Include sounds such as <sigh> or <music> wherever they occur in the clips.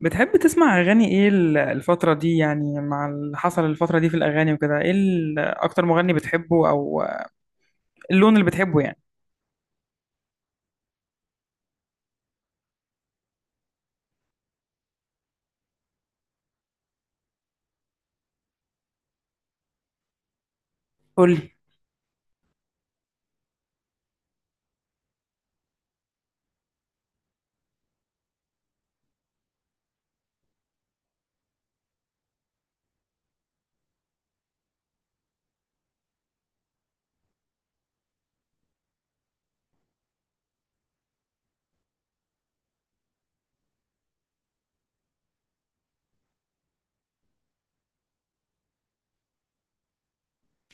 بتحب تسمع أغاني إيه الفترة دي يعني مع اللي حصل الفترة دي في الأغاني وكده إيه أكتر مغني بتحبه أو اللون اللي بتحبه يعني؟ قولي.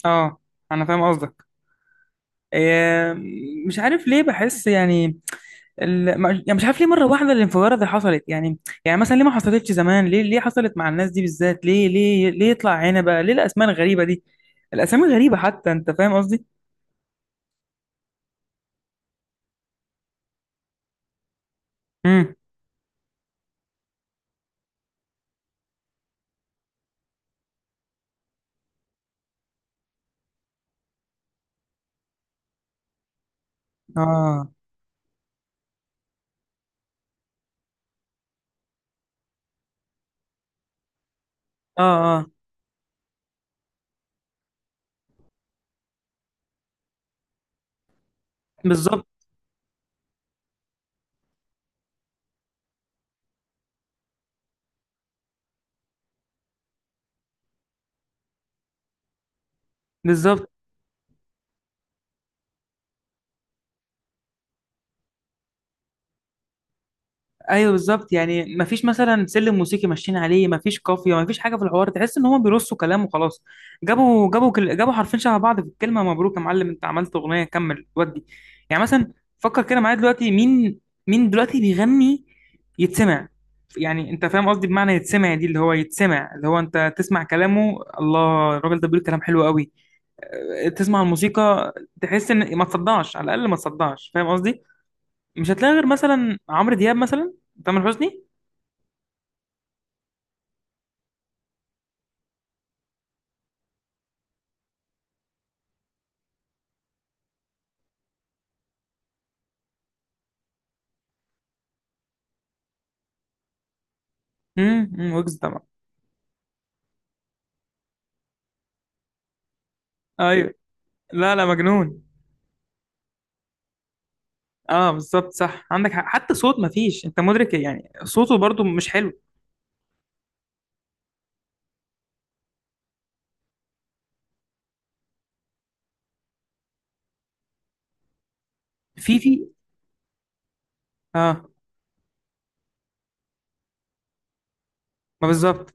آه، أنا فاهم قصدك. إيه، مش عارف ليه بحس يعني ال... ما- يعني مش عارف ليه مرة واحدة الانفجارة اللي حصلت يعني. يعني مثلا ليه ما حصلتش زمان؟ ليه ليه حصلت مع الناس دي بالذات؟ ليه ليه ليه يطلع هنا بقى ليه الأسماء الغريبة دي؟ الأسامي غريبة، حتى أنت فاهم قصدي؟ امم آه، آه، آه، بالظبط. بالظبط. ايوه، بالظبط. يعني مفيش مثلا سلم موسيقي ماشيين عليه، مفيش قافيه، مفيش حاجه في الحوار، تحس ان هم بيرصوا كلام وخلاص. جابوا جابوا حرفين شبه بعض في الكلمه، مبروك يا معلم انت عملت اغنيه، كمل ودي. يعني مثلا فكر كده معايا دلوقتي، مين؟ مين دلوقتي بيغني يتسمع؟ يعني انت فاهم قصدي بمعنى يتسمع دي، اللي هو يتسمع اللي هو انت تسمع كلامه، الله، الراجل ده بيقول كلام حلو قوي. أه، تسمع الموسيقى، تحس ان ما تصدعش، على الاقل ما تصدعش، فاهم قصدي؟ مش هتلاقي غير مثلا عمرو دياب مثلا، تامر حسني. أمم، ويجز طبعا. ايوه. لا لا، مجنون. اه، بالظبط، صح، عندك حق. حتى صوت ما فيش، انت مدرك يعني؟ صوته برضو مش حلو. في اه. ما بالظبط.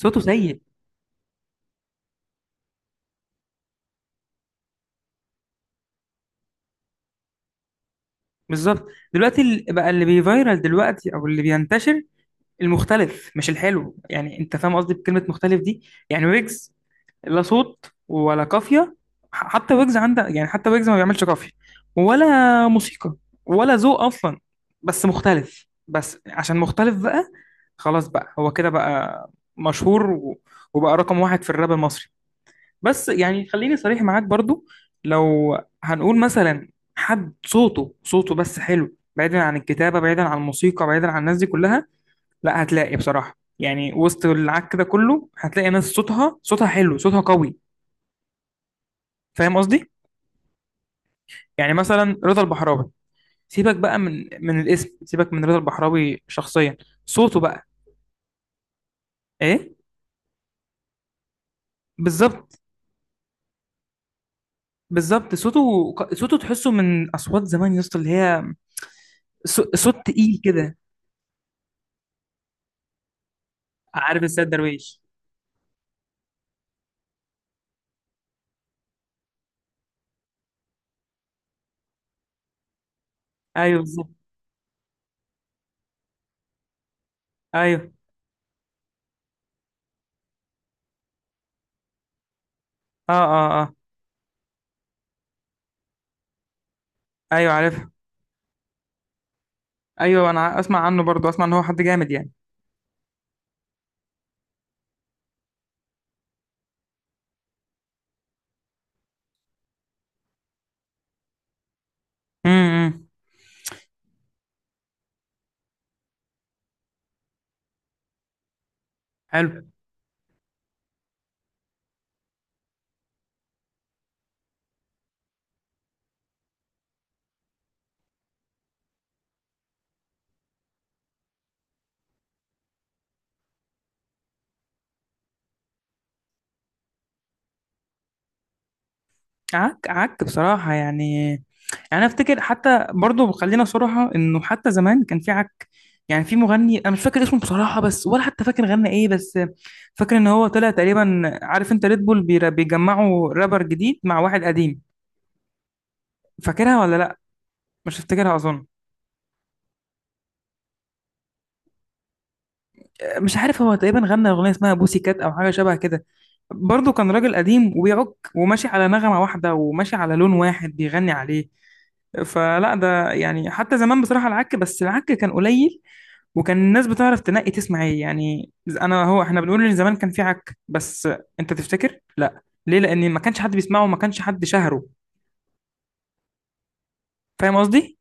صوته سيء. بالظبط. دلوقتي بقى اللي بيفيرال دلوقتي او اللي بينتشر، المختلف مش الحلو، يعني انت فاهم قصدي بكلمة مختلف دي؟ يعني ويجز، لا صوت ولا قافية. حتى ويجز عندها يعني، حتى ويجز ما بيعملش قافية ولا موسيقى ولا ذوق أصلا، بس مختلف، بس عشان مختلف بقى خلاص بقى هو كده بقى مشهور وبقى رقم واحد في الراب المصري. بس يعني خليني صريح معاك برضو، لو هنقول مثلا حد صوته صوته بس حلو، بعيدا عن الكتابة، بعيدا عن الموسيقى، بعيدا عن الناس دي كلها، لا هتلاقي بصراحة، يعني وسط العك ده كله هتلاقي ناس صوتها صوتها حلو، صوتها قوي، فاهم قصدي؟ يعني مثلا رضا البحراوي، سيبك بقى من الاسم، سيبك من رضا البحراوي شخصيا، صوته بقى. ايه. بالظبط. بالظبط صوته، صوته تحسه من اصوات زمان يا اسطى، اللي هي صوت تقيل كده. عارف السيد درويش؟ ايوه بالظبط. ايوه. اه اه اه. ايوه عارفها. ايوه، اسمع عنه برضو، اسمع ان هو حد جامد يعني. إمم. حلو. عك عك بصراحة، يعني يعني افتكر حتى برضو، خلينا صراحة، انه حتى زمان كان في عك. يعني في مغني انا مش فاكر اسمه بصراحة، بس ولا حتى فاكر غنى ايه، بس فاكر ان هو طلع تقريبا، عارف انت ريد بول بيجمعوا رابر جديد مع واحد قديم، فاكرها ولا لا؟ مش هفتكرها اظن. مش عارف، هو تقريبا غنى اغنيه اسمها بوسي كات او حاجه شبه كده، برضه كان راجل قديم وبيعك وماشي على نغمه واحده وماشي على لون واحد بيغني عليه. فلا ده يعني حتى زمان بصراحه العك، بس العك كان قليل، وكان الناس بتعرف تنقي تسمع ايه يعني. انا هو احنا بنقول ان زمان كان في عك، بس انت تفتكر لا ليه؟ لان ما كانش حد بيسمعه وما كانش حد شهره، فاهم قصدي؟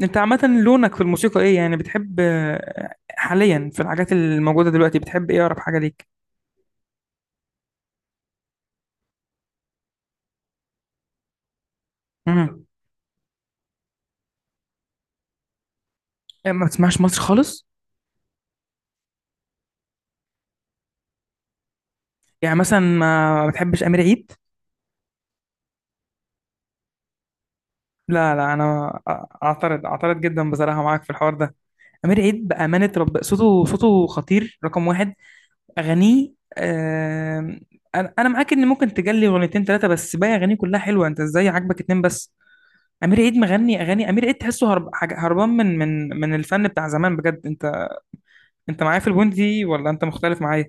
انت عامه لونك في الموسيقى ايه يعني؟ بتحب آه، حاليا في الحاجات الموجوده دلوقتي بتحب ايه؟ اقرب حاجه ليك. مم. يعني ما بتسمعش مصر خالص؟ يعني مثلا ما بتحبش امير عيد؟ لا لا، اعترض، اعترض جدا بصراحه معاك في الحوار ده. امير عيد بامانه رب صوته، صوته خطير، رقم واحد، اغانيه. آم، انا معاك ان ممكن تجلي اغنيتين ثلاثه، بس باقي اغانيه كلها حلوه، انت ازاي عاجبك اتنين بس؟ امير عيد مغني اغاني، امير عيد تحسه هرب هربان من الفن بتاع زمان بجد، انت انت معايا في البوينت دي ولا انت مختلف معايا؟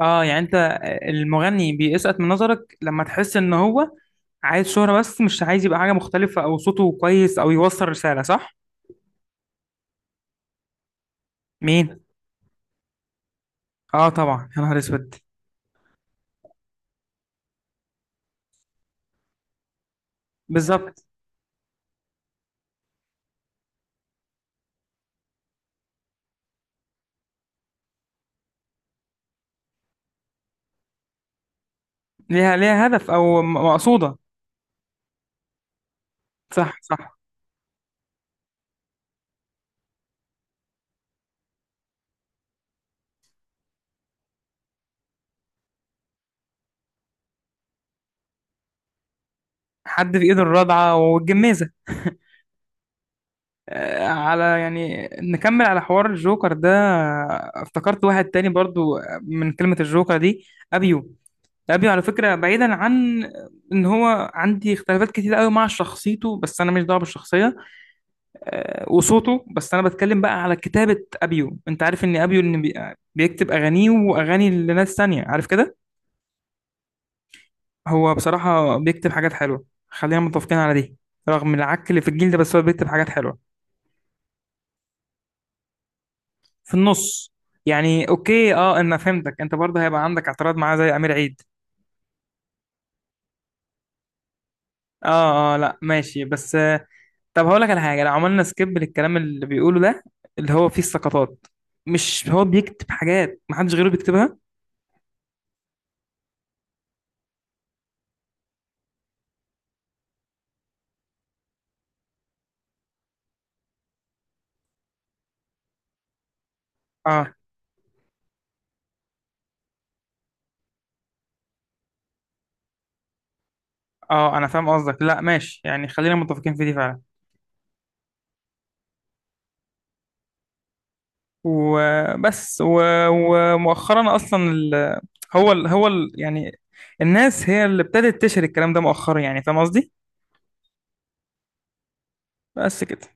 اه يعني انت المغني بيسقط من نظرك لما تحس ان هو عايز شهرة بس، مش عايز يبقى حاجة مختلفة أو صوته كويس أو يوصل رسالة، صح؟ مين؟ آه طبعا، يا نهار أسود. بالظبط. ليها هدف، أو مقصودة. صح صح. حد في إيده الرضعة والجمازة <laughs> آه، على يعني نكمل على حوار الجوكر ده، آه، افتكرت واحد تاني برضو من كلمة الجوكر دي، أبيو. أبيو على فكرة، بعيدا عن إن هو عندي اختلافات كتير قوي مع شخصيته، بس أنا مش دعوة بالشخصية آه، وصوته، بس انا بتكلم بقى على كتابة ابيو، انت عارف ان ابيو بيكتب اغانيه واغاني لناس تانية، عارف كده؟ هو بصراحة بيكتب حاجات حلوة، خلينا متفقين على دي، رغم العك اللي في الجيل ده، بس هو بيكتب حاجات حلوة في النص. يعني اوكي، اه انا فهمتك، انت برضه هيبقى عندك اعتراض معاه زي امير عيد. اه اه، لا ماشي، بس آه، طب هقول لك على حاجة، لو عملنا سكيب للكلام اللي بيقوله ده اللي هو فيه السقطات، مش هو بيكتب حاجات محدش غيره بيكتبها؟ اه اه انا فاهم قصدك، لا ماشي يعني، خلينا متفقين في دي فعلا. وبس ومؤخرا اصلا يعني الناس هي اللي ابتدت تشهر الكلام ده مؤخرا، يعني فاهم قصدي؟ بس كده.